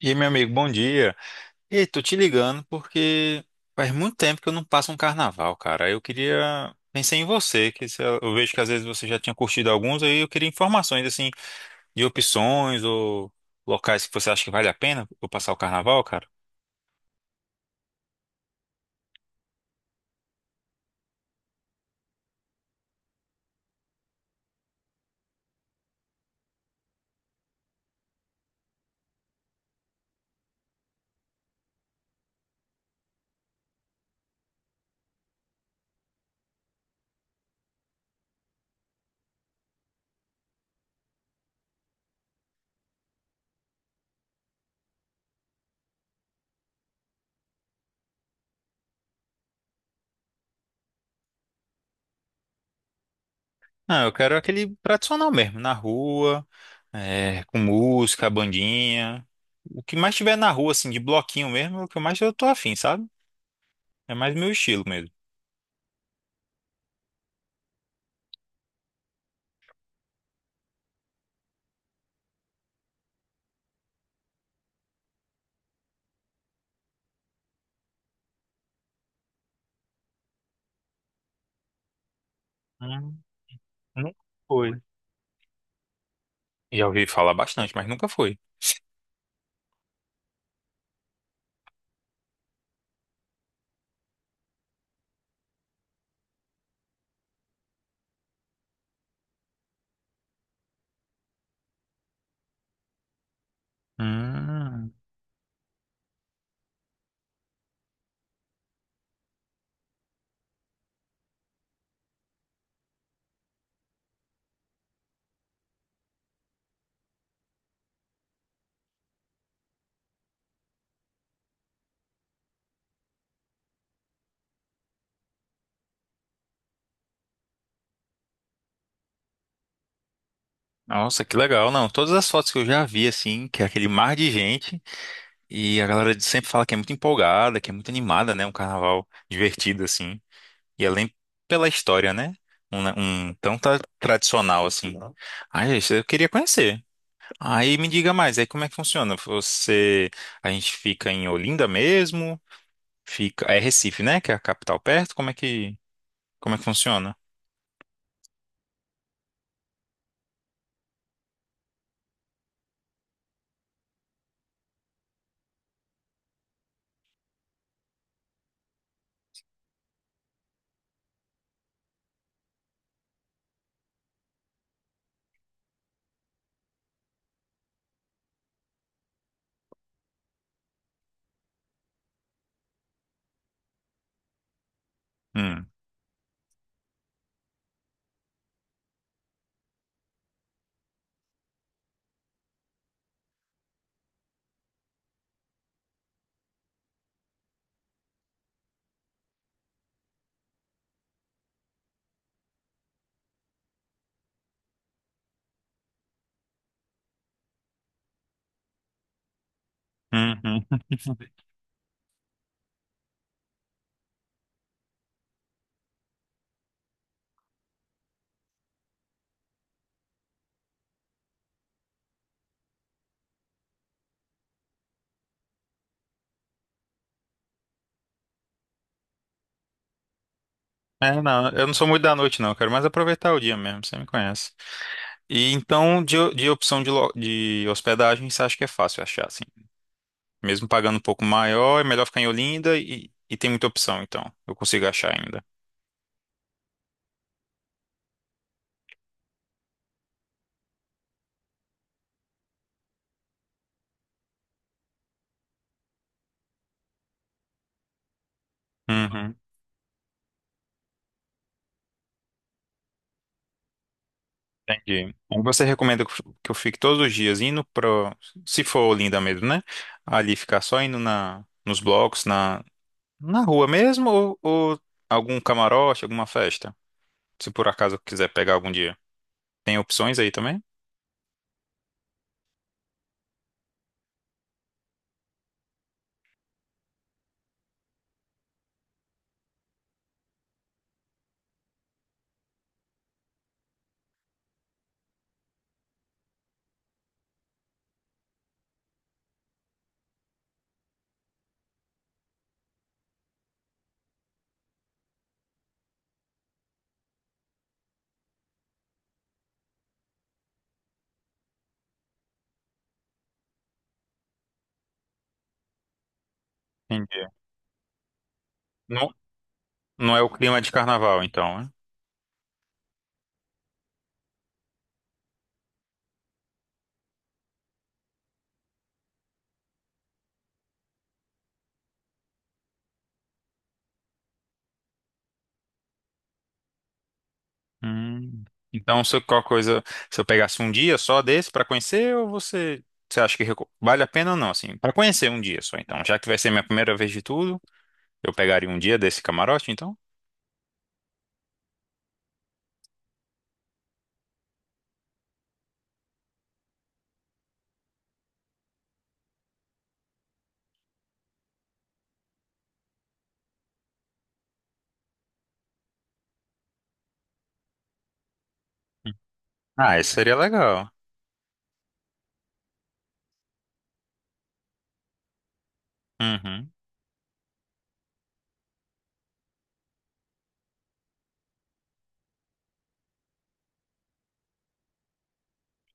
E aí, meu amigo, bom dia. E tô te ligando porque faz muito tempo que eu não passo um carnaval, cara. Eu queria pensei em você, que se eu vejo que às vezes você já tinha curtido alguns, aí eu queria informações assim de opções ou locais que você acha que vale a pena eu passar o carnaval, cara. Não, eu quero aquele tradicional mesmo, na rua, é, com música, bandinha. O que mais tiver na rua, assim, de bloquinho mesmo, é o que mais eu tô afim, sabe? É mais meu estilo mesmo. Hum, nunca foi. Já ouvi falar bastante, mas nunca fui. Hum, nossa, que legal. Não, todas as fotos que eu já vi, assim, que é aquele mar de gente, e a galera sempre fala que é muito empolgada, que é muito animada, né? Um carnaval divertido, assim. E além pela história, né? Um tão tradicional, assim. Ai, isso eu queria conhecer. Aí me diga mais, aí como é que funciona? Você, a gente fica em Olinda mesmo? Fica, é Recife, né? Que é a capital perto? Como é que funciona? Hum. Uhum. É, não, eu não sou muito da noite, não. Eu quero mais aproveitar o dia mesmo, você me conhece. E então, de opção de hospedagem, você acha que é fácil achar, assim? Mesmo pagando um pouco maior, é melhor ficar em Olinda e tem muita opção, então. Eu consigo achar ainda. Uhum, entendi. Então, você recomenda que eu fique todos os dias indo pro, se for Olinda mesmo, né? Ali ficar só indo nos blocos, na rua mesmo, ou algum camarote, alguma festa? Se por acaso eu quiser pegar algum dia. Tem opções aí também? Não, não é o clima de carnaval, então, né? Hum. Então, se eu pegasse um dia só desse pra conhecer, ou você, você acha que vale a pena ou não, assim, para conhecer um dia só, então, já que vai ser minha primeira vez de tudo, eu pegaria um dia desse camarote, então? Ah, isso seria legal. Uhum.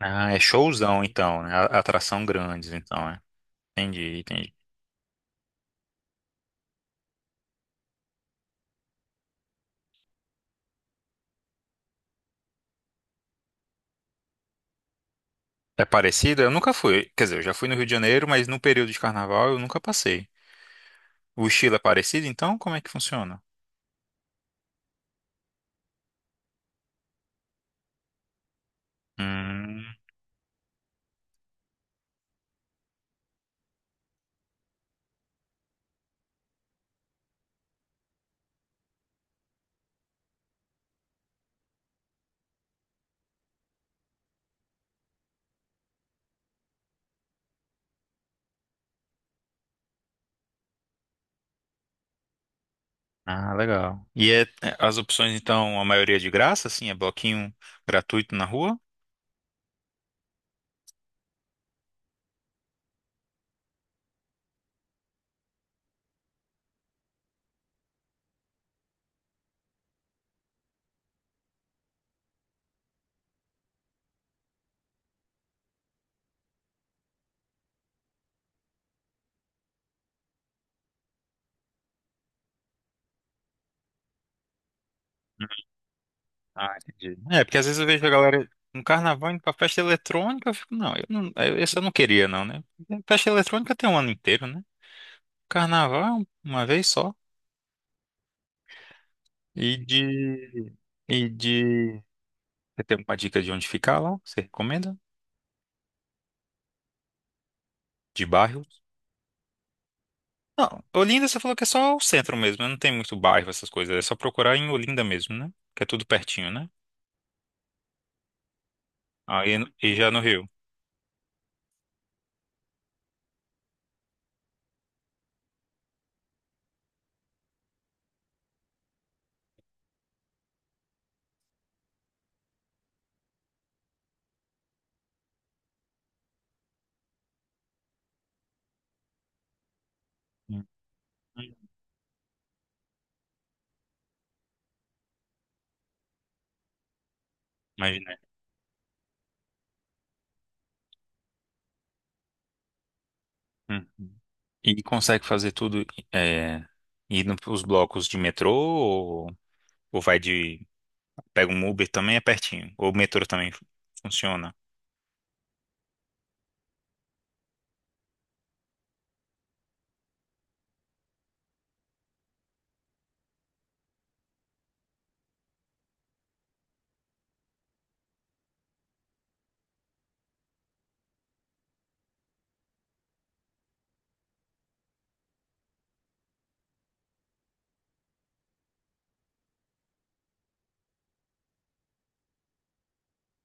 Ah, é showzão então, né? Atração grandes, então, é. Entendi, entendi. É parecido? Eu nunca fui. Quer dizer, eu já fui no Rio de Janeiro, mas no período de carnaval eu nunca passei. O estilo é parecido, então? Como é que funciona? Hum. Ah, legal. E as opções, então, a maioria é de graça, assim, é bloquinho gratuito na rua? Ah, entendi. É, porque às vezes eu vejo a galera no carnaval indo pra festa eletrônica, eu fico, não, esse eu não queria, não, né? Festa eletrônica tem um ano inteiro, né? Carnaval é uma vez só. E de. E de. Você tem alguma dica de onde ficar lá? Você recomenda? De bairro? Não, Olinda você falou que é só o centro mesmo, né? Não tem muito bairro, essas coisas. É só procurar em Olinda mesmo, né? Que é tudo pertinho, né? Aí e já no Rio. Imaginei. Uhum. E consegue fazer tudo é, indo os blocos de metrô ou vai de. pega um Uber também, é pertinho. Ou o metrô também funciona.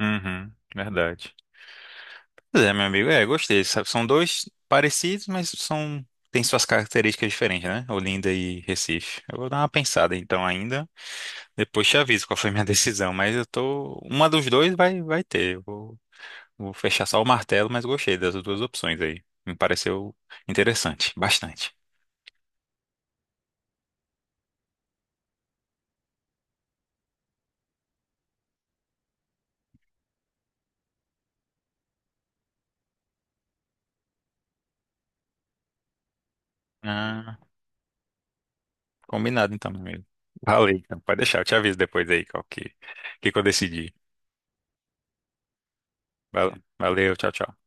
Uhum, verdade. Pois é, meu amigo, é, gostei, sabe? São dois parecidos, mas são. Tem suas características diferentes, né? Olinda e Recife. Eu vou dar uma pensada então ainda. Depois te aviso qual foi minha decisão, mas eu tô. Uma dos dois vai, vai ter. Eu vou Vou fechar só o martelo, mas gostei das duas opções aí. Me pareceu interessante, bastante. Ah, combinado então, meu amigo. Valeu, então. Pode deixar, eu te aviso depois aí que eu decidi. Valeu, valeu, tchau, tchau.